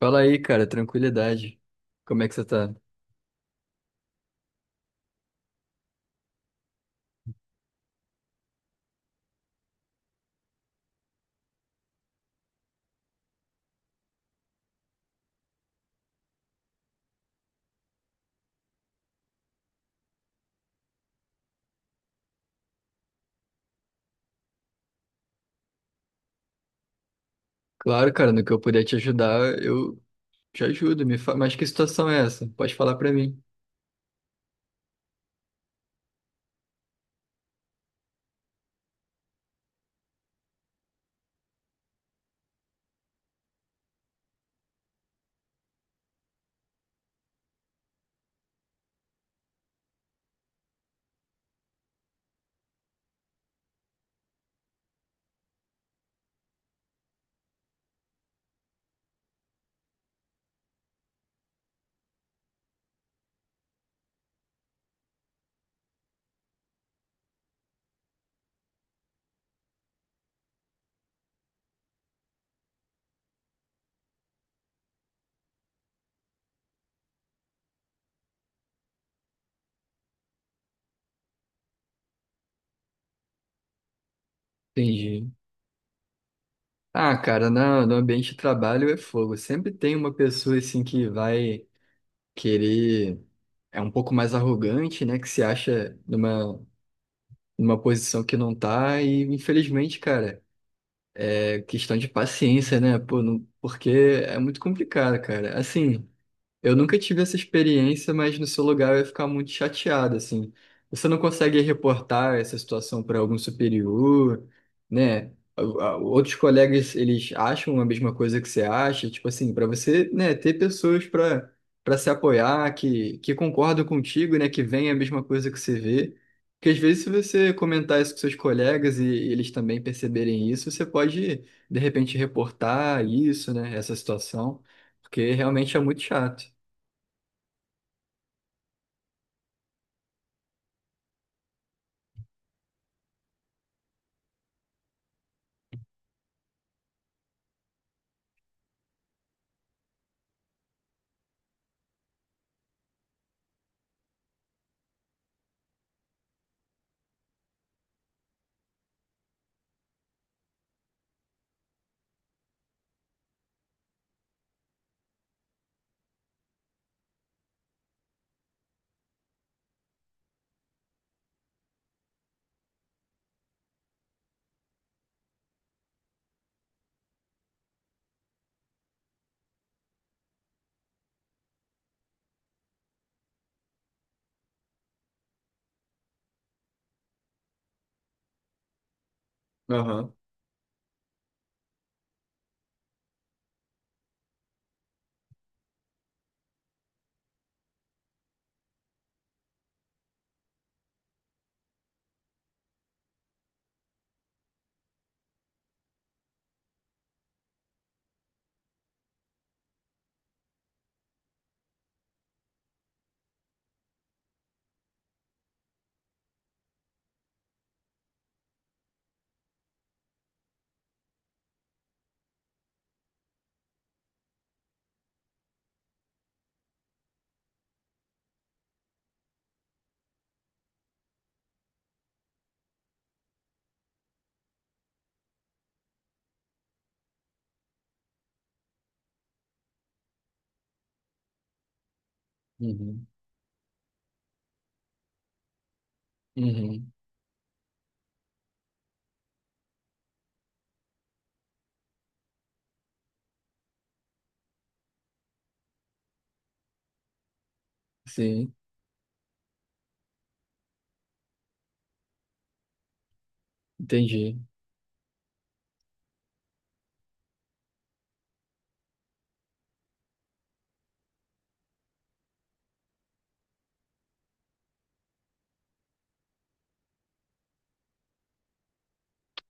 Fala aí, cara, tranquilidade. Como é que você tá? Claro, cara, no que eu puder te ajudar, eu te ajudo. Mas que situação é essa? Pode falar pra mim. Entendi. Ah, cara, no ambiente de trabalho é fogo. Sempre tem uma pessoa assim que vai querer. É um pouco mais arrogante, né? Que se acha numa posição que não tá. E infelizmente, cara, é questão de paciência, né? Pô, não, porque é muito complicado, cara. Assim. Eu nunca tive essa experiência, mas no seu lugar eu ia ficar muito chateado, assim. Você não consegue reportar essa situação para algum superior, né? Outros colegas, eles acham a mesma coisa que você acha, tipo assim, para você, né, ter pessoas para se apoiar, que concordam contigo, né, que veem a mesma coisa que você vê. Porque às vezes, se você comentar isso com seus colegas e eles também perceberem isso, você pode, de repente, reportar isso, né, essa situação, porque realmente é muito chato. Aham. Uhum. Uhum. Sim, entendi.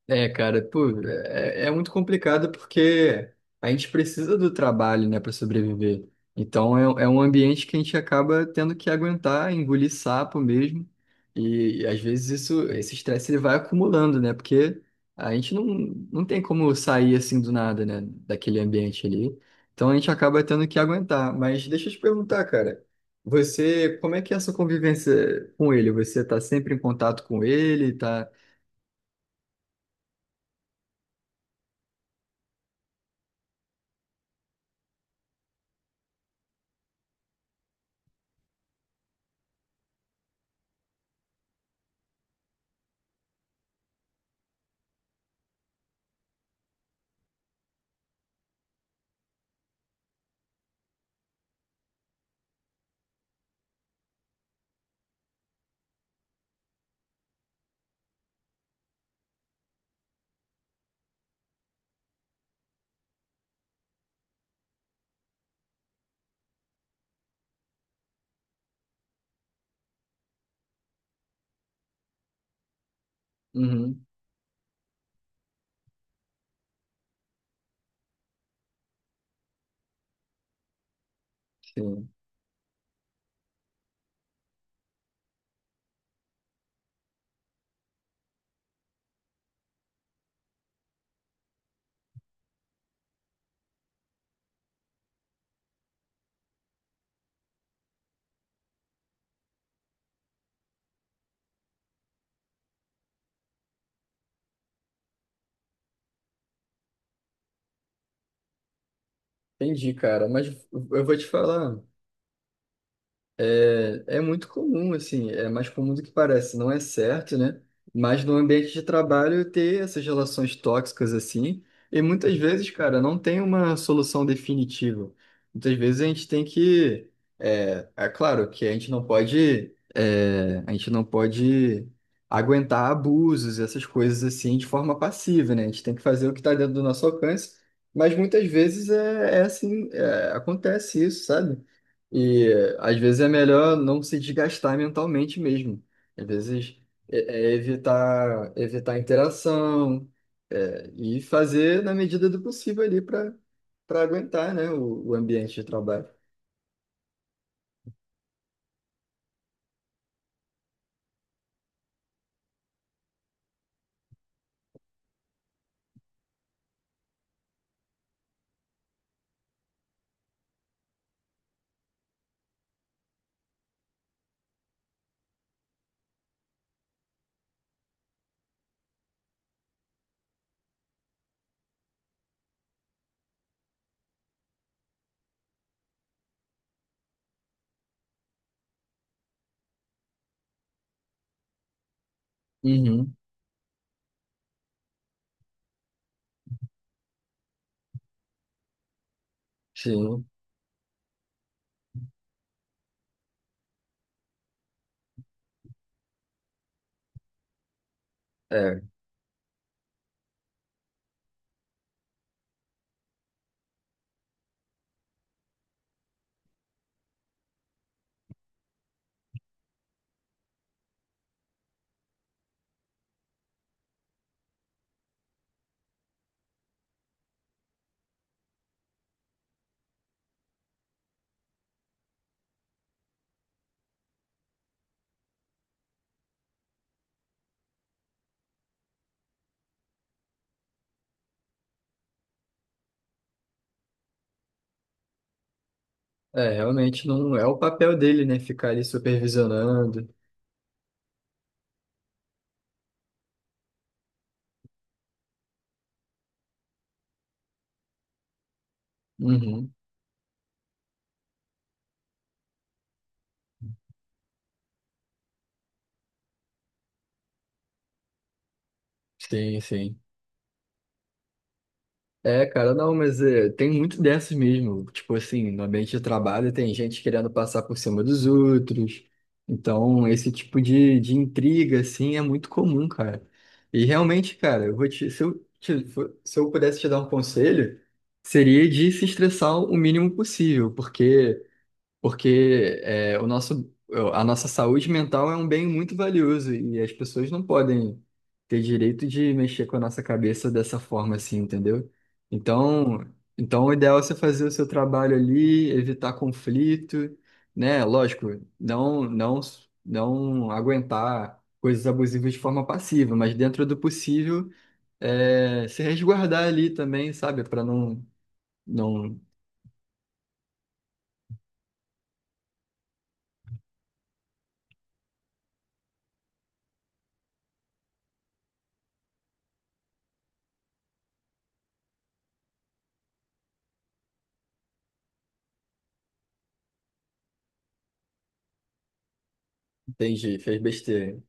É, cara, é muito complicado porque a gente precisa do trabalho, né, para sobreviver. Então é um ambiente que a gente acaba tendo que aguentar, engolir sapo mesmo. E às vezes isso, esse estresse ele vai acumulando, né? Porque a gente não, não tem como sair assim do nada, né, daquele ambiente ali. Então a gente acaba tendo que aguentar. Mas deixa eu te perguntar, cara, você, como é que é a sua convivência com ele? Você tá sempre em contato com ele? Tá? Uhum, sim. Entendi, cara. Mas eu vou te falar. É, é muito comum, assim, é mais comum do que parece, não é certo, né? Mas no ambiente de trabalho ter essas relações tóxicas assim, e muitas vezes, cara, não tem uma solução definitiva. Muitas vezes a gente tem que, é claro que a gente não pode, a gente não pode aguentar abusos, essas coisas assim, de forma passiva, né? A gente tem que fazer o que está dentro do nosso alcance, mas muitas vezes é assim, acontece isso, sabe? E às vezes é melhor não se desgastar mentalmente mesmo. Às vezes é, é evitar a interação, é, e fazer na medida do possível ali para aguentar, né, o ambiente de trabalho. Uhum. Sim. É, é, realmente não é o papel dele, né? Ficar ali supervisionando. Uhum. Sim, sim. É, cara, não, mas é, tem muito dessas mesmo. Tipo assim, no ambiente de trabalho tem gente querendo passar por cima dos outros. Então, esse tipo de intriga, assim, é muito comum, cara. E realmente, cara, eu vou te, se eu, te- fo- se eu pudesse te dar um conselho, seria de se estressar o mínimo possível, porque é, a nossa saúde mental é um bem muito valioso e as pessoas não podem ter direito de mexer com a nossa cabeça dessa forma assim, entendeu? Então, então o ideal é você fazer o seu trabalho ali, evitar conflito, né? Lógico, não, não, não aguentar coisas abusivas de forma passiva, mas dentro do possível, é, se resguardar ali também, sabe? Para não, não, entendi, fez besteira.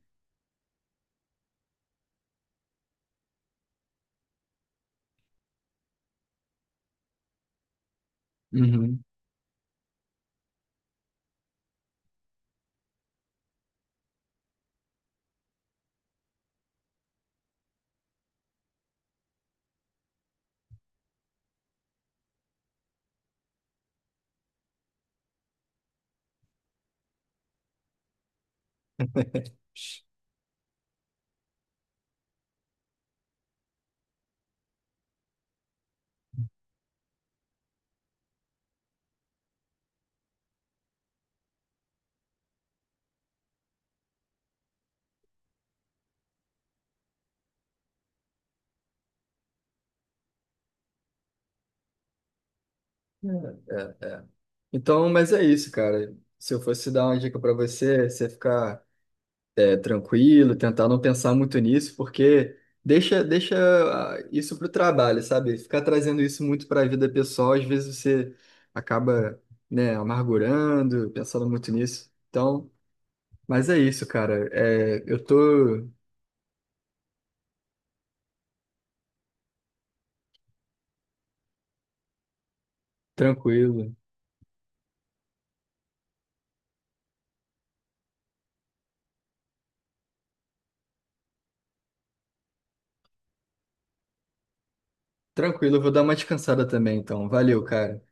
Uhum. É, é. Então, mas é isso, cara. Se eu fosse dar uma dica pra você, é você ficar tranquilo, tentar não pensar muito nisso, porque deixa ah, isso pro trabalho, sabe? Ficar trazendo isso muito pra vida pessoal, às vezes você acaba, né, amargurando, pensando muito nisso. Então, mas é isso, cara. É, eu tô tranquilo. Tranquilo, eu vou dar uma descansada também, então. Valeu, cara.